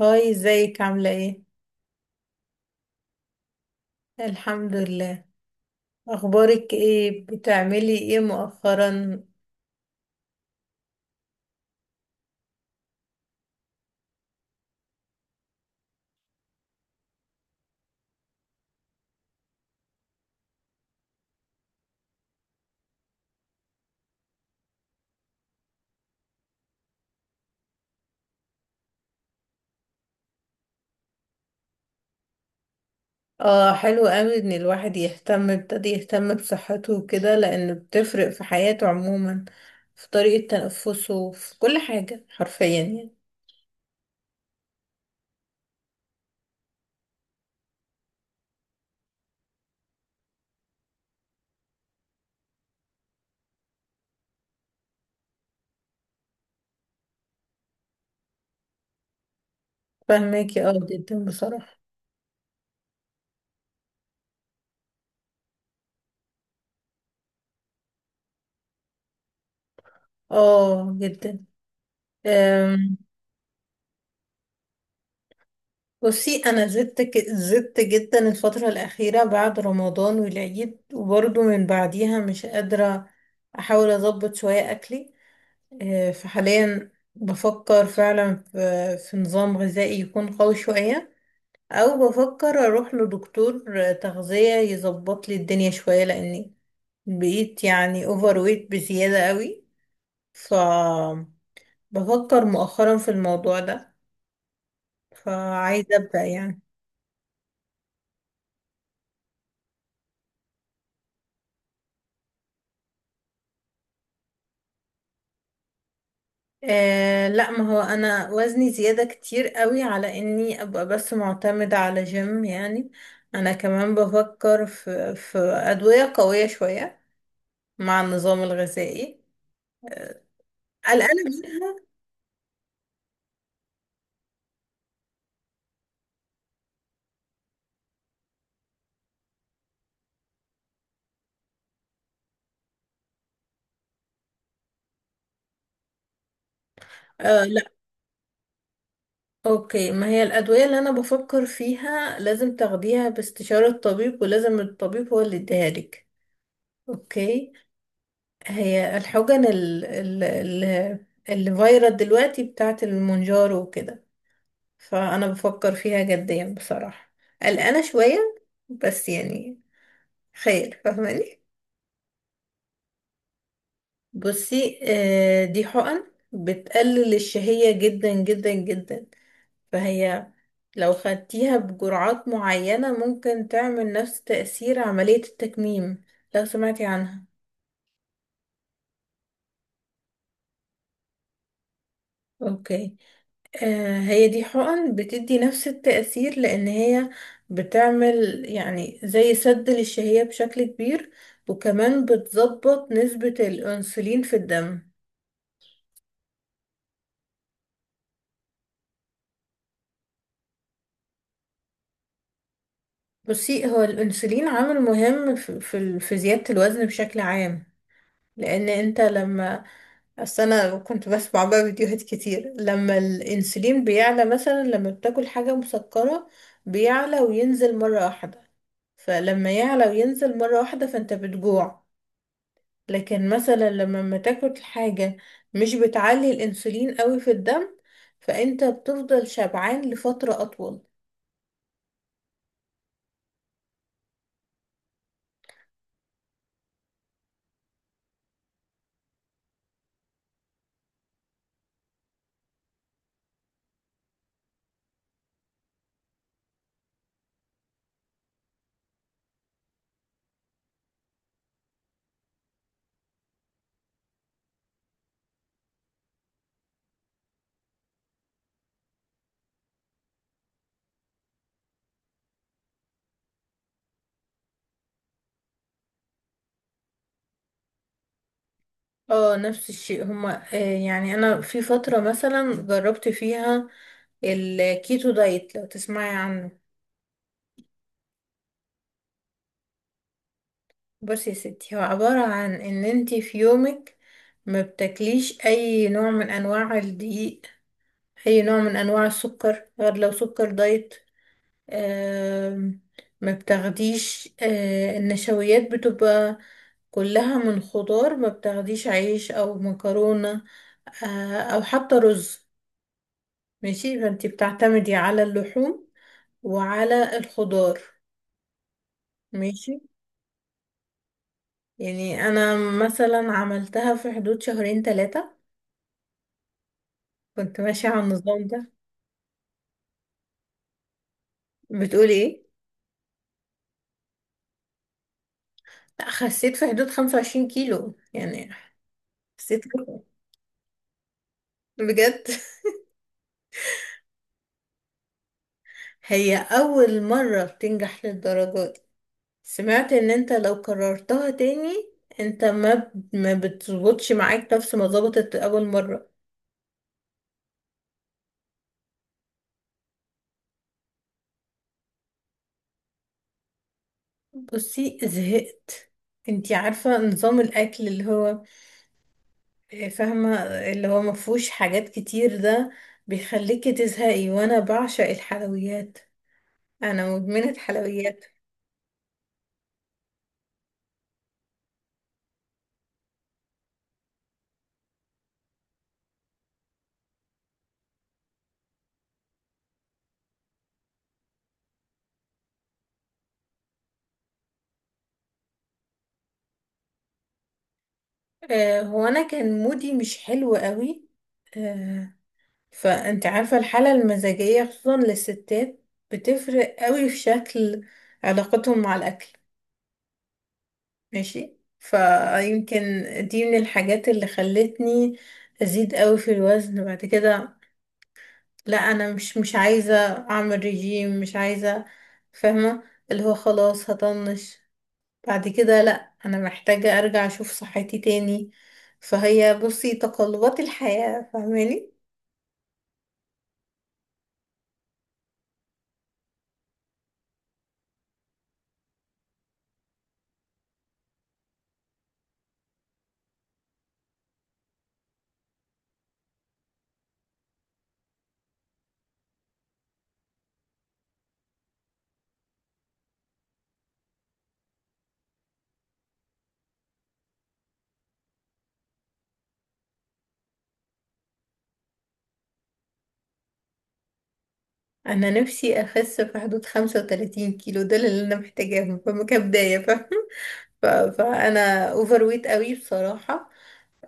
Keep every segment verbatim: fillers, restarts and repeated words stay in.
هاي ازيك عاملة ايه؟ الحمد لله. اخبارك ايه؟ بتعملي ايه مؤخرا؟ اه، حلو قوي ان الواحد يهتم، ابتدي يهتم بصحته وكده، لان بتفرق في حياته عموما، في طريقة تنفسه، في كل حاجة حرفيا يعني. فاهماكي اه، جدا بصراحة. اه جدا. أم، بصي، انا زدت ك- زدت جدا الفترة الأخيرة بعد رمضان والعيد، وبرضه من بعديها مش قادرة احاول اظبط شوية اكلي. آه، فحاليا بفكر فعلا في في نظام غذائي يكون قوي شوية، أو بفكر أروح لدكتور آه، تغذية يظبط لي الدنيا شوية، لأني بقيت يعني أوفر ويت بزيادة قوي. فبفكر مؤخرا في الموضوع ده، فعايزة أبدأ يعني. آه لا، ما هو أنا وزني زيادة كتير قوي على إني أبقى بس معتمدة على جيم يعني. أنا كمان بفكر في في أدوية قوية شوية مع النظام الغذائي. قلقانة منها. آه لا. اوكي، ما هي الأدوية اللي أنا بفكر فيها لازم تاخديها باستشارة طبيب، ولازم الطبيب هو اللي يديها لك. اوكي. هي الحقن ال ال ال اللي فايرال دلوقتي بتاعت المونجارو وكده. فأنا بفكر فيها جديا بصراحة، قلقانة شوية بس يعني خير، فاهماني. بصي آه، دي حقن بتقلل الشهية جدا جدا جدا، فهي لو خدتيها بجرعات معينة ممكن تعمل نفس تأثير عملية التكميم، لو سمعتي عنها. اوكي. آه، هي دي حقن بتدي نفس التأثير لأن هي بتعمل يعني زي سد للشهية بشكل كبير، وكمان بتظبط نسبة الأنسولين في الدم. بصي، هو الأنسولين عامل مهم في في ال- في زيادة الوزن بشكل عام. لأن انت لما، بس انا كنت بسمع بقى فيديوهات كتير لما الانسولين بيعلى، مثلا لما بتاكل حاجة مسكرة بيعلى وينزل مرة واحدة، فلما يعلى وينزل مرة واحدة فانت بتجوع. لكن مثلا لما ما تاكل حاجة مش بتعلي الانسولين قوي في الدم، فانت بتفضل شبعان لفترة اطول. اه، نفس الشيء هما آه، يعني انا في فترة مثلا جربت فيها الكيتو دايت، لو تسمعي عنه. بصي يا ستي، هو عبارة عن ان انتي في يومك ما بتاكليش اي نوع من انواع الدقيق، اي نوع من انواع السكر غير لو سكر دايت. آم، ما بتاخديش آه، النشويات، بتبقى كلها من خضار، ما بتاخديش عيش او مكرونة آه، او حتى رز. ماشي، فانتي بتعتمدي على اللحوم وعلى الخضار. ماشي يعني، انا مثلا عملتها في حدود شهرين ثلاثة كنت ماشية على النظام ده. بتقولي ايه؟ لا، خسيت في حدود خمسة وعشرين كيلو يعني، خسيت كتير. بجد. هي أول مرة بتنجح للدرجة دي. سمعت ان انت لو كررتها تاني انت ما ما بتظبطش معاك نفس ما ظبطت أول مرة. بصي، زهقت. انتي عارفة نظام الأكل اللي هو إيه، فاهمة، اللي هو مفهوش حاجات كتير ده بيخليكي تزهقي، وأنا بعشق الحلويات، أنا مدمنة حلويات. آه، هو انا كان مودي مش حلو قوي آه، فانت عارفة الحالة المزاجية خصوصا للستات بتفرق قوي في شكل علاقتهم مع الاكل. ماشي، فيمكن دي من الحاجات اللي خلتني ازيد قوي في الوزن بعد كده. لا انا مش مش عايزة اعمل رجيم، مش عايزة، فاهمة؟ اللي هو خلاص هطنش بعد كده. لا، انا محتاجة ارجع اشوف صحتي تاني، فهي بصي تقلبات الحياة، فاهماني. انا نفسي اخس في حدود خمسة وثلاثين كيلو، دول اللي انا محتاجاهم فما كبداية، فاهمة؟ ف- فانا اوفر ويت قوي بصراحة.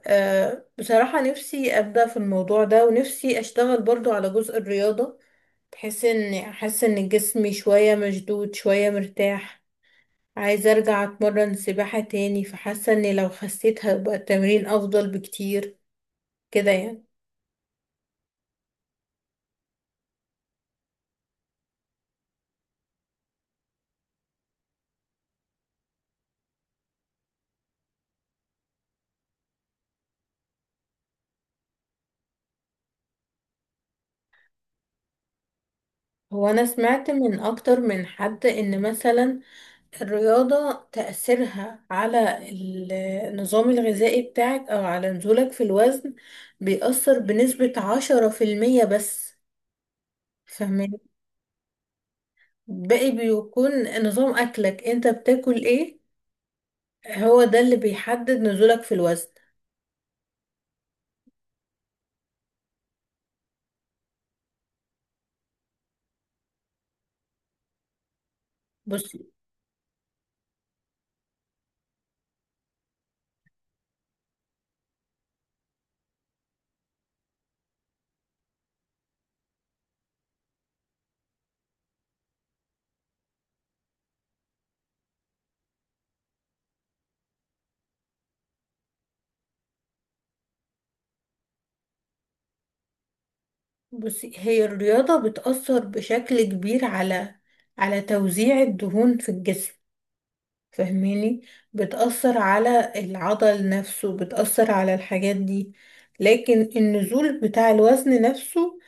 أه بصراحة نفسي ابدأ في الموضوع ده، ونفسي اشتغل برضو على جزء الرياضة، بحيث ان احس ان جسمي شوية مشدود، شوية مرتاح. عايزة ارجع اتمرن سباحة تاني، فحاسة اني لو خسيت هيبقى التمرين افضل بكتير كده يعني. هو انا سمعت من اكتر من حد ان مثلا الرياضة تأثيرها على ال- النظام الغذائي بتاعك، او على نزولك في الوزن بيأثر بنسبة عشرة في المية بس، فاهمين؟ باقي بيكون نظام اكلك، انت بتاكل ايه، هو ده اللي بيحدد نزولك في الوزن. بص. بصي، هي الرياضة بتأثر بشكل كبير على على توزيع الدهون في الجسم، فاهماني؟ بتأثر على العضل نفسه، بتأثر على الحاجات دي. لكن النزول بتاع الوزن نفسه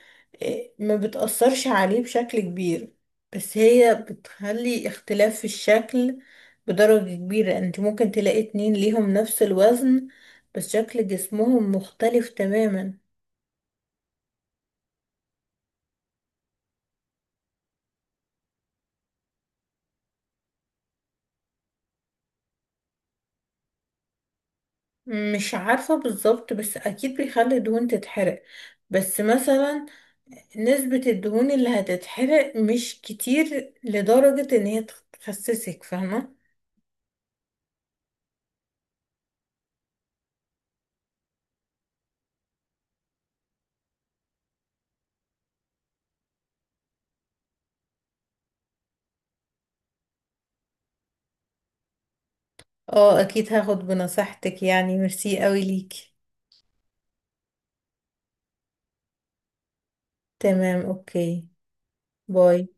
إيه، ما بتأثرش عليه بشكل كبير. بس هي بتخلي اختلاف في الشكل بدرجة كبيرة. انت ممكن تلاقي اتنين ليهم نفس الوزن بس شكل جسمهم مختلف تماما. مش عارفة بالظبط، بس أكيد بيخلي الدهون تتحرق. بس مثلا نسبة الدهون اللي هتتحرق مش كتير لدرجة إن هي تخسسك، فاهمة؟ اه، أكيد هاخد بنصيحتك يعني. ميرسي قوي ليكي. تمام، أوكي. باي.